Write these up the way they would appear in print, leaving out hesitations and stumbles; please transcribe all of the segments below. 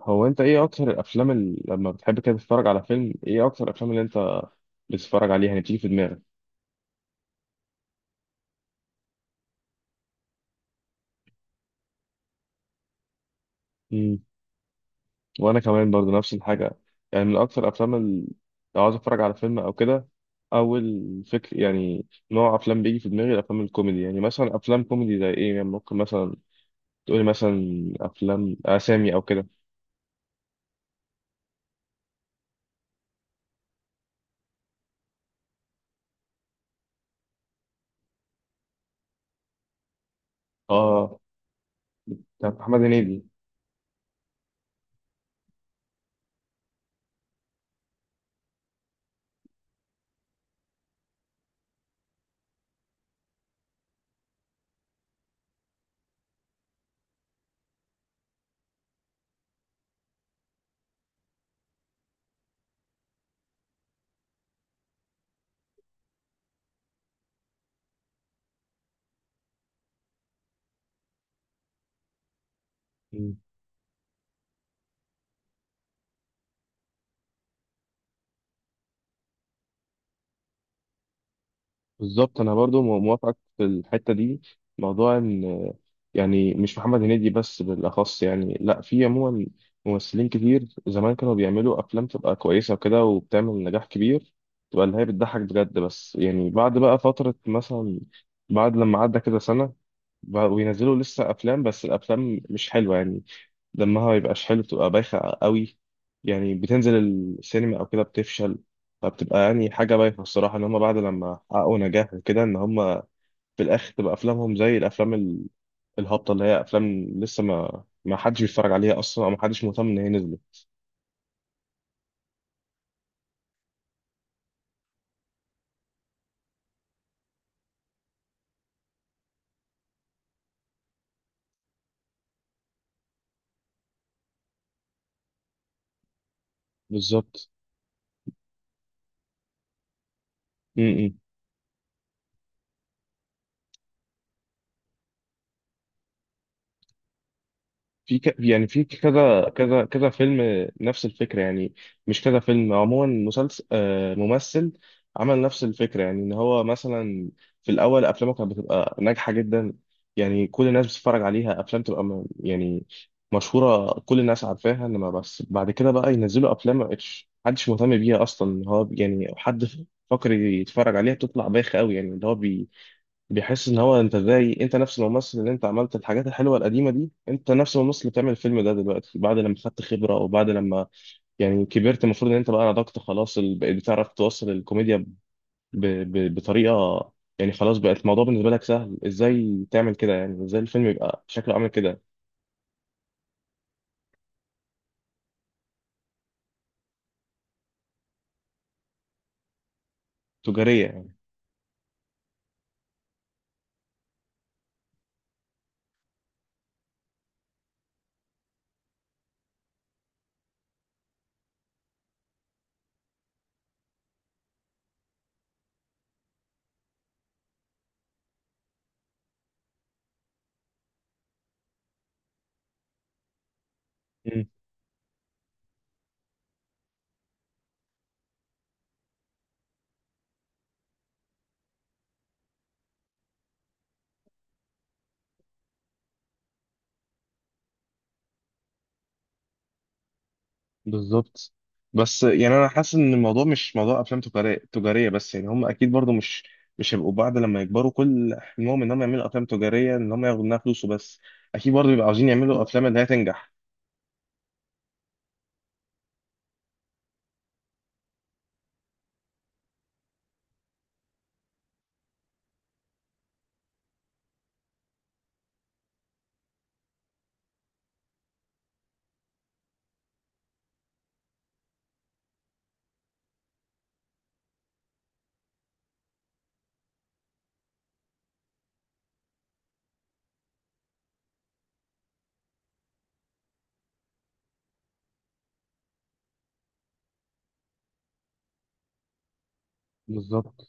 هو انت ايه اكتر الافلام اللي لما بتحب كده تتفرج على فيلم؟ ايه اكتر الافلام اللي انت بتتفرج عليها يعني بتيجي في دماغك؟ امم وانا كمان برضو نفس الحاجه. يعني من اكتر الافلام اللي لو عاوز اتفرج على فيلم او كده اول فكر يعني نوع افلام بيجي في دماغي الافلام الكوميدي. يعني مثلا افلام كوميدي زي ايه؟ يعني ممكن مثلا تقولي مثلا افلام اسامي او كده. اه، بتاعت محمد هنيدي. بالظبط، انا برضو موافقك في الحته دي. موضوع ان يعني مش محمد هنيدي بس بالاخص، يعني لا في عموما ممثلين كتير زمان كانوا بيعملوا افلام تبقى كويسه وكده وبتعمل نجاح كبير، تبقى اللي هي بتضحك بجد. بس يعني بعد بقى فتره، مثلا بعد لما عدى كده سنه، بقوا ينزلوا لسه افلام بس الافلام مش حلوه يعني. دمها ما بيبقاش حلو، بتبقى بايخة قوي يعني. بتنزل السينما أو كده بتفشل. فبتبقى يعني حاجة بايخة الصراحة، إن هما بعد لما حققوا نجاح وكده إن هما في الآخر تبقى أفلامهم زي الأفلام الهابطة، اللي هي أفلام لسه ما حدش بيتفرج عليها أصلا أو ما حدش مهتم إن هي نزلت. بالظبط. م- م. في يعني في كذا فيلم نفس الفكرة يعني. مش كذا فيلم، عموما مسلسل آه، ممثل عمل نفس الفكرة، يعني ان هو مثلا في الاول افلامه كانت بتبقى ناجحة جدا. يعني كل الناس بتتفرج عليها، افلام تبقى يعني مشهورة كل الناس عارفاها. انما بس بعد كده بقى ينزلوا افلام ما بقتش، محدش مهتم بيها اصلا إن هو يعني حد فاكر يتفرج عليها. بتطلع بايخة قوي يعني، اللي هو بيحس ان هو انت زي انت نفس الممثل اللي انت عملت الحاجات الحلوه القديمه دي، انت نفس الممثل اللي بتعمل الفيلم ده دلوقتي بعد لما خدت خبره او بعد لما يعني كبرت، المفروض ان انت بقى نضجت خلاص بقيت بتعرف توصل الكوميديا بطريقه. يعني خلاص بقت الموضوع بالنسبه لك سهل، ازاي تعمل كده يعني، ازاي الفيلم يبقى شكله عامل كده. تجاريه يعني. بالظبط. بس يعني انا حاسس ان الموضوع مش موضوع افلام تجاريه بس. يعني هم اكيد برضو مش هيبقوا بعد لما يكبروا كل حلمهم ان هم يعملوا افلام تجاريه، ان هم ياخدوا منها فلوس وبس. اكيد برضو بيبقوا عاوزين يعملوا افلام اللي هي تنجح. بالظبط.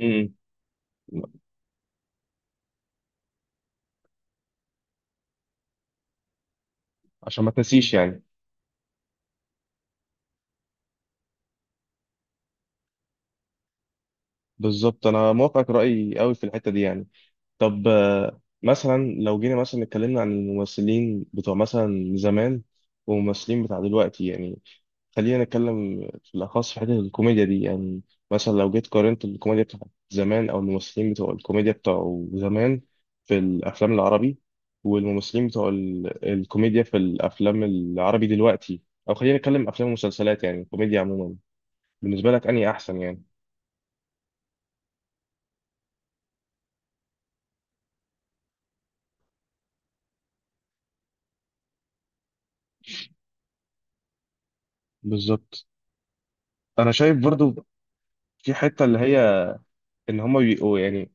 امم. عشان ما تنسيش يعني. بالظبط، انا موافقك رايي قوي في الحته دي يعني. طب آه، مثلا لو جينا مثلا اتكلمنا عن الممثلين بتوع مثلا زمان والممثلين بتاع دلوقتي يعني. خلينا نتكلم في الأخص في حتة الكوميديا دي يعني. مثلا لو جيت قارنت الكوميديا بتاعت زمان أو الممثلين بتوع الكوميديا بتوع زمان في الأفلام العربي، والممثلين بتوع الكوميديا في الأفلام العربي دلوقتي، أو خلينا نتكلم أفلام ومسلسلات يعني الكوميديا عموما، بالنسبة لك أنهي أحسن يعني؟ بالظبط. أنا شايف برضو في حتة اللي هي إن هما بيبقوا يعني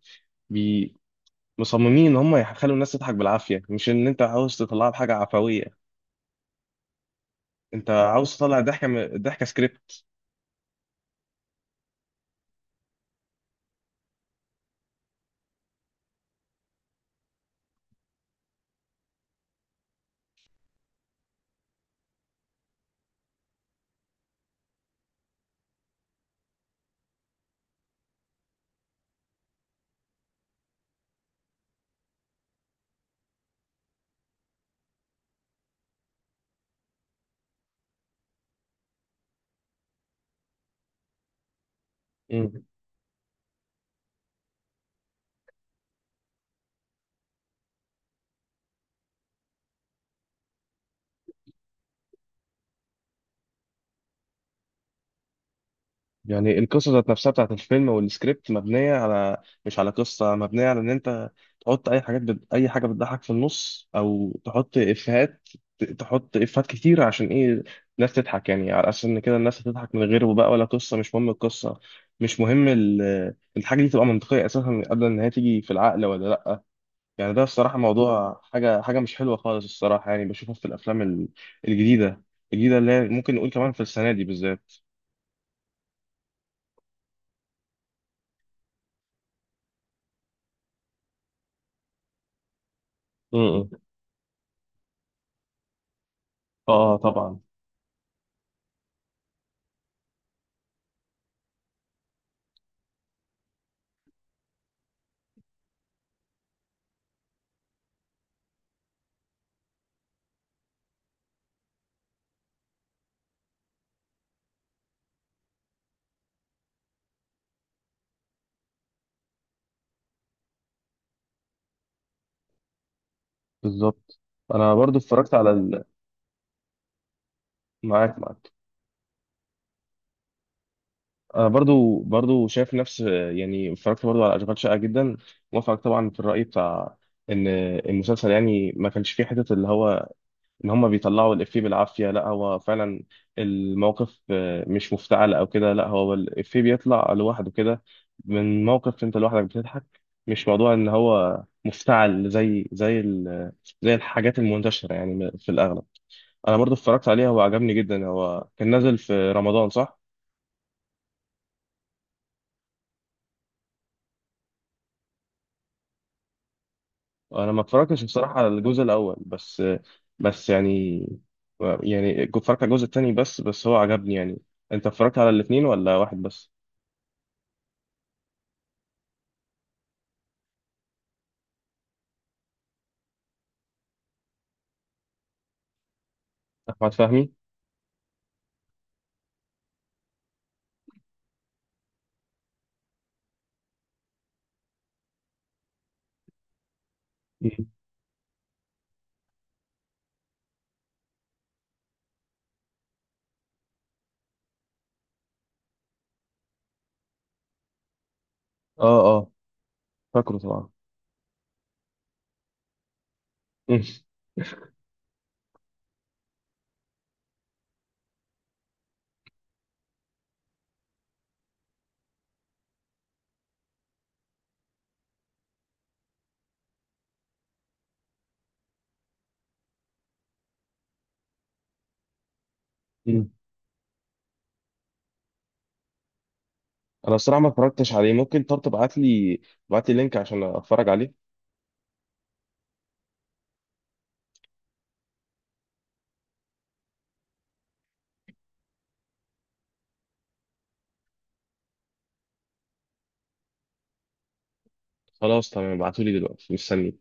بي مصممين ان هم يخلوا الناس تضحك بالعافيه، مش ان انت عاوز تطلعها بحاجه عفويه. انت عاوز تطلع ضحكه ضحكه. مم. يعني القصة ذات نفسها بتاعت الفيلم والسكريبت مبنية على، مش على قصة، مبنية على إن أنت تحط أي أي حاجة بتضحك في النص أو تحط إفيهات، تحط إفيهات كتير عشان إيه؟ الناس تضحك، يعني على أساس إن كده الناس هتضحك من غيره بقى، ولا قصة مش مهم القصة، مش مهم الحاجة دي تبقى منطقية أساسا قبل إن هي تيجي في العقل ولا لأ. يعني ده الصراحة موضوع حاجة، حاجة مش حلوة خالص الصراحة يعني، بشوفها في الأفلام الجديدة. الجديدة اللي هي ممكن نقول كمان في السنة دي بالذات. اه طبعا. بالظبط، انا برضو اتفرجت على معاك معاك. انا برضو شايف نفس، يعني اتفرجت برضو على اشغال شقه جدا. موافقك طبعا في الراي بتاع ان المسلسل يعني ما كانش فيه حته اللي هو ان هم بيطلعوا الافيه بالعافيه، لا هو فعلا الموقف آه، مش مفتعل او كده، لا هو الافيه بيطلع لوحده كده من موقف، انت لوحدك بتضحك. مش موضوع ان هو مفتعل زي زي الحاجات المنتشره يعني في الاغلب. انا برضو اتفرجت عليها وعجبني جدا. هو كان نازل في رمضان صح؟ انا ما اتفرجتش بصراحه على الجزء الاول، بس يعني اتفرجت على الجزء التاني بس، بس هو عجبني يعني. انت اتفرجت على الاثنين ولا واحد بس؟ احمد فهمي. مم. اه اه، فاكره طبعا. مم. مم. انا الصراحه ما اتفرجتش عليه. ممكن طب تبعت لي لينك عشان اتفرج عليه؟ خلاص تمام، ابعتولي دلوقتي، مستني.